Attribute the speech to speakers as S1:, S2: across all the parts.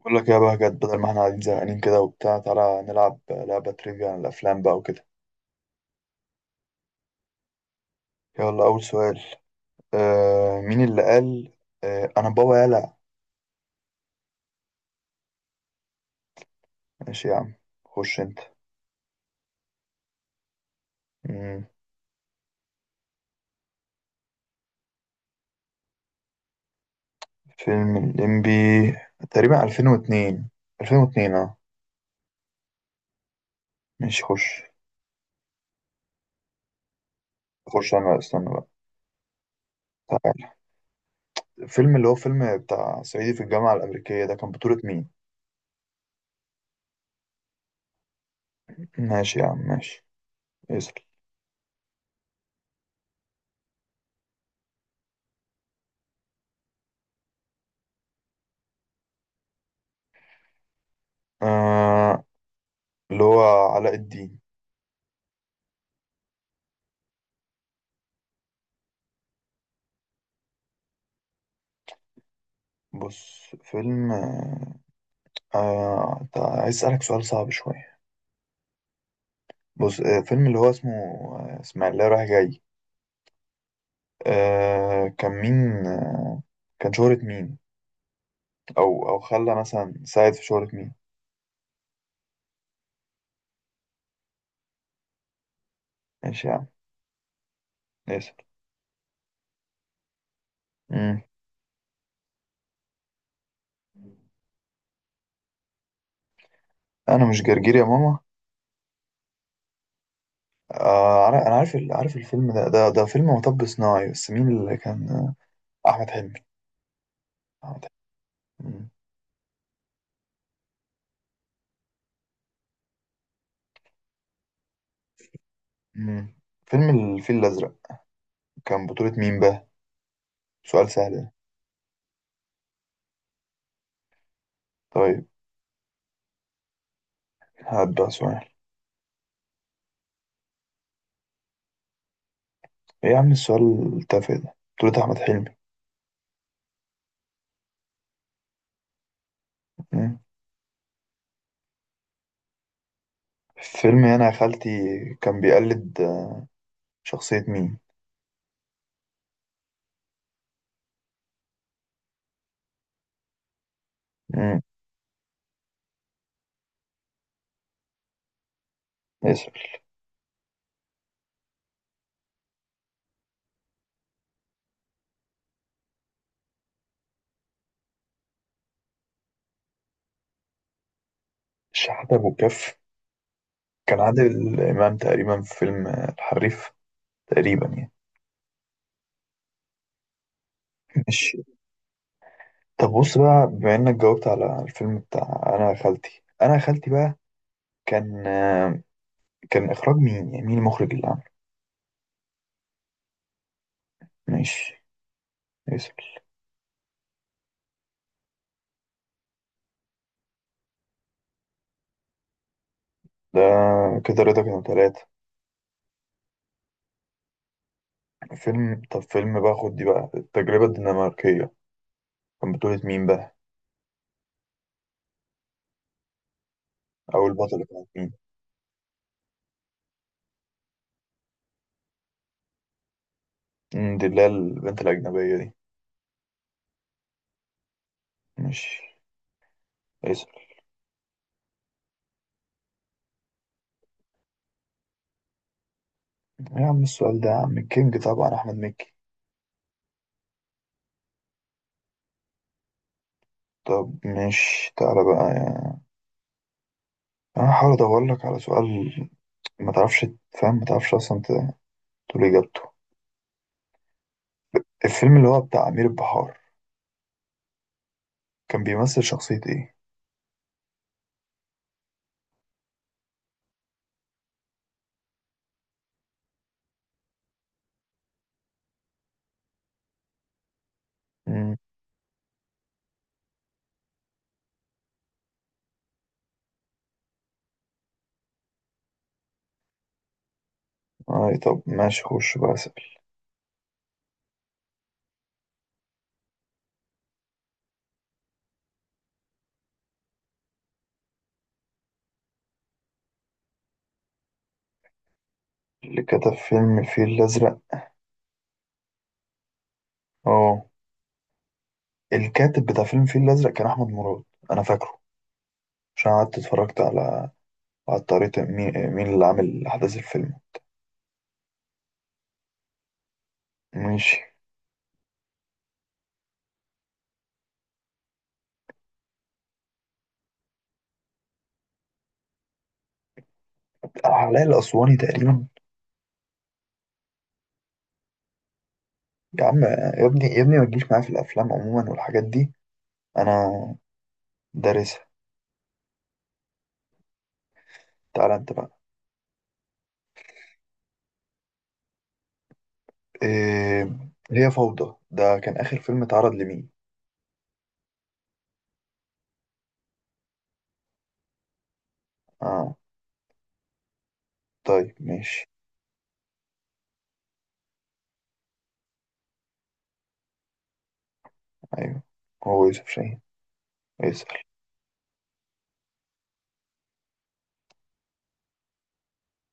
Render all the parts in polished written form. S1: بقول لك يا بهجت، بدل ما احنا قاعدين زهقانين كده وبتاع، تعالى نلعب لعبة تريفيا عن الأفلام بقى وكده. يلا أول سؤال. آه، مين اللي قال؟ آه، أنا بابا، يلا. ماشي يا عم، خش أنت. مم. فيلم الليمبي تقريبا 2002. اه ماشي، خش أنا استنى بقى. تعالى، الفيلم اللي هو فيلم بتاع صعيدي في الجامعة الأمريكية ده، كان بطولة مين؟ ماشي يا عم، ماشي. اسأل. آه، اللي هو علاء الدين. بص فيلم طيب، عايز أسألك سؤال صعب شوية. بص فيلم اللي هو اسمه إسماعيلية رايح جاي. كان مين كان شهرة مين؟ أو خلى مثلا ساعد في شهرة مين. ماشي يا عم. اسأل. مم. أنا مش جرجير يا ماما. أنا عارف عارف الفيلم ده، فيلم مطب صناعي، بس مين اللي كان؟ أحمد حلمي أحمد حلمي. مم. فيلم الفيل الأزرق، كان بطولة مين بقى؟ سؤال سهل ده. طيب هات بقى سؤال. إيه يا عم السؤال التافه ده؟ بطولة أحمد حلمي. مم. فيلم أنا يا خالتي، كان بيقلد شخصية مين؟ مم. ياسر. الشحاتة أبو الكف كان عادل إمام تقريبا في فيلم الحريف، تقريبا يعني. ماشي. طب بص بقى، بما إنك جاوبت على الفيلم بتاع أنا يا خالتي، أنا يا خالتي بقى كان كان إخراج مين؟ يعني مين المخرج اللي عمله؟ ماشي. ياسر. ده كده رضا، كانوا تلاتة. فيلم، طب فيلم بقى، خد دي بقى، التجربة الدنماركية، كان بطولة مين بقى؟ أو البطلة كانت مين؟ مم، دي اللي هي البنت الأجنبية دي. مش، اسأل. يا عم السؤال ده، يا عم الكينج طبعا أحمد مكي. طب مش تعالى بقى يعني، أنا هحاول أدور لك على سؤال ما تعرفش، تفهم ما تعرفش أصلا تقول إجابته. الفيلم اللي هو بتاع أمير البحار، كان بيمثل شخصية إيه؟ مم. آه طب ماشي، خش بقى أسأل. اللي كتب فيلم الفيل الأزرق؟ أه، الكاتب بتاع فيلم الفيل الأزرق كان أحمد مراد، أنا فاكره عشان قعدت اتفرجت على، الطريقة. مين اللي عامل أحداث الفيلم؟ ماشي. علاء الأسواني تقريبا. يا عم يا ابني، يا ابني ما تجيش معايا في الافلام عموما والحاجات دي، انا دارسها. تعالى انت بقى. إيه، هي فوضى ده كان اخر فيلم اتعرض لمين؟ اه، طيب ماشي. ايوه، هو يوسف شاهين يسأل.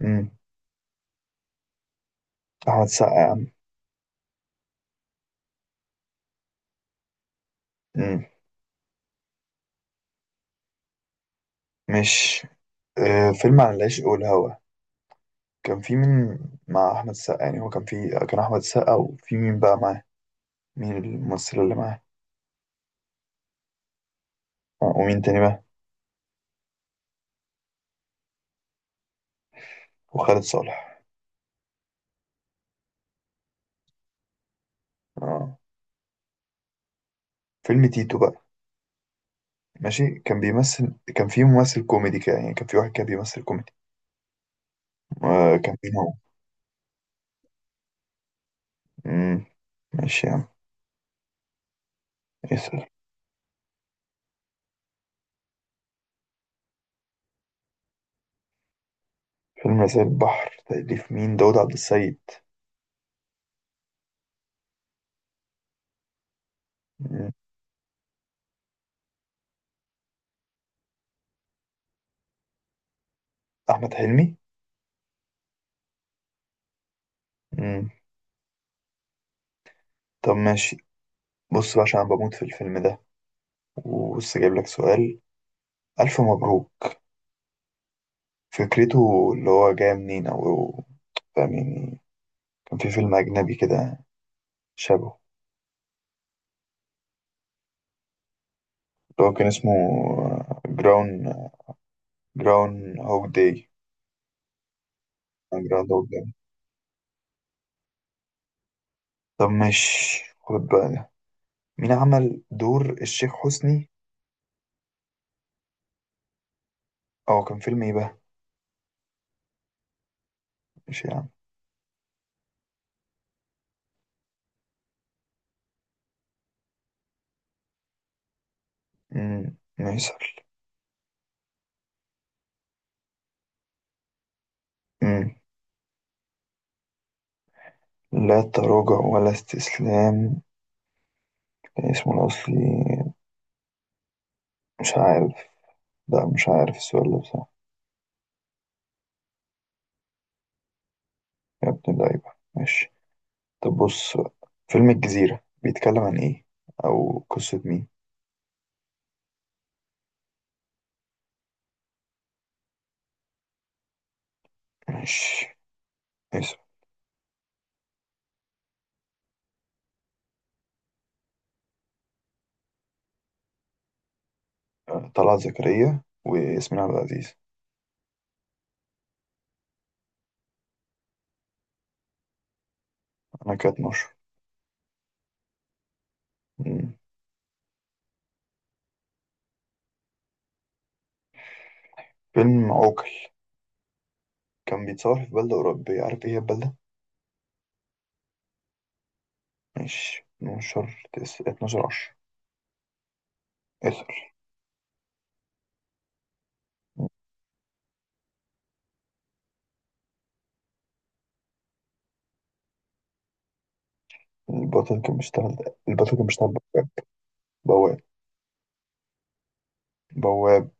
S1: امم، احمد السقا يا عم. امم، مش، إيه فيلم عن العشق والهوى، كان في مين مع احمد السقا؟ يعني هو كان في، كان احمد السقا وفي مين بقى معاه، مين الممثل اللي معاه؟ آه. ومين تاني بقى؟ وخالد صالح. اه، فيلم تيتو بقى، ماشي. كان بيمثل، كان في ممثل كوميدي كده يعني، كان في واحد كان بيمثل كوميدي، كان مين هو؟ مم، ماشي يا عم. اسأل. فيلم زي البحر تأليف مين؟ داود عبد السيد. مم، أحمد حلمي. مم، طب ماشي. بص بقى، عشان أنا بموت في الفيلم ده، وبص جايب لك سؤال. ألف مبروك، فكرته اللي هو جاي منين، أو فاهم يعني، كان في فيلم أجنبي كده شبهه، اللي هو كان اسمه جراون جراون هوك داي، جراوند هوك داي. طب ماشي، خد بقى. مين عمل دور الشيخ حسني؟ اه، كان فيلم ايه بقى؟ مش يعني، امم، ميسر. امم، لا تراجع ولا استسلام، كان اسمه الأصلي، مش عارف، لا مش عارف السؤال ده بصراحة. يا ابن اللعيبة، ماشي. طب بص بقى. فيلم الجزيرة بيتكلم عن ايه، أو قصة مين؟ ماشي. اسم، طلعت زكريا وياسمين عبد العزيز. أنا كانت نشر. أمم. فيلم عوكل كان بيتصور في بلدة أوروبية، عارف ايه هي البلدة؟ ماشي 12 12 10. اسأل. البطل كان بيشتغل، بواب. بواب. بواب.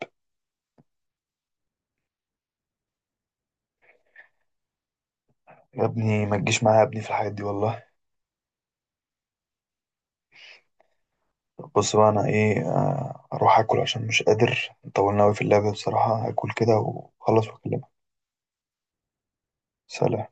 S1: يا ابني ما تجيش معايا يا ابني في الحاجات دي والله. بص بقى، انا ايه، اروح اكل عشان مش قادر، طولنا اوي في اللعبة بصراحة. هاكل كده واخلص واكلمك. سلام.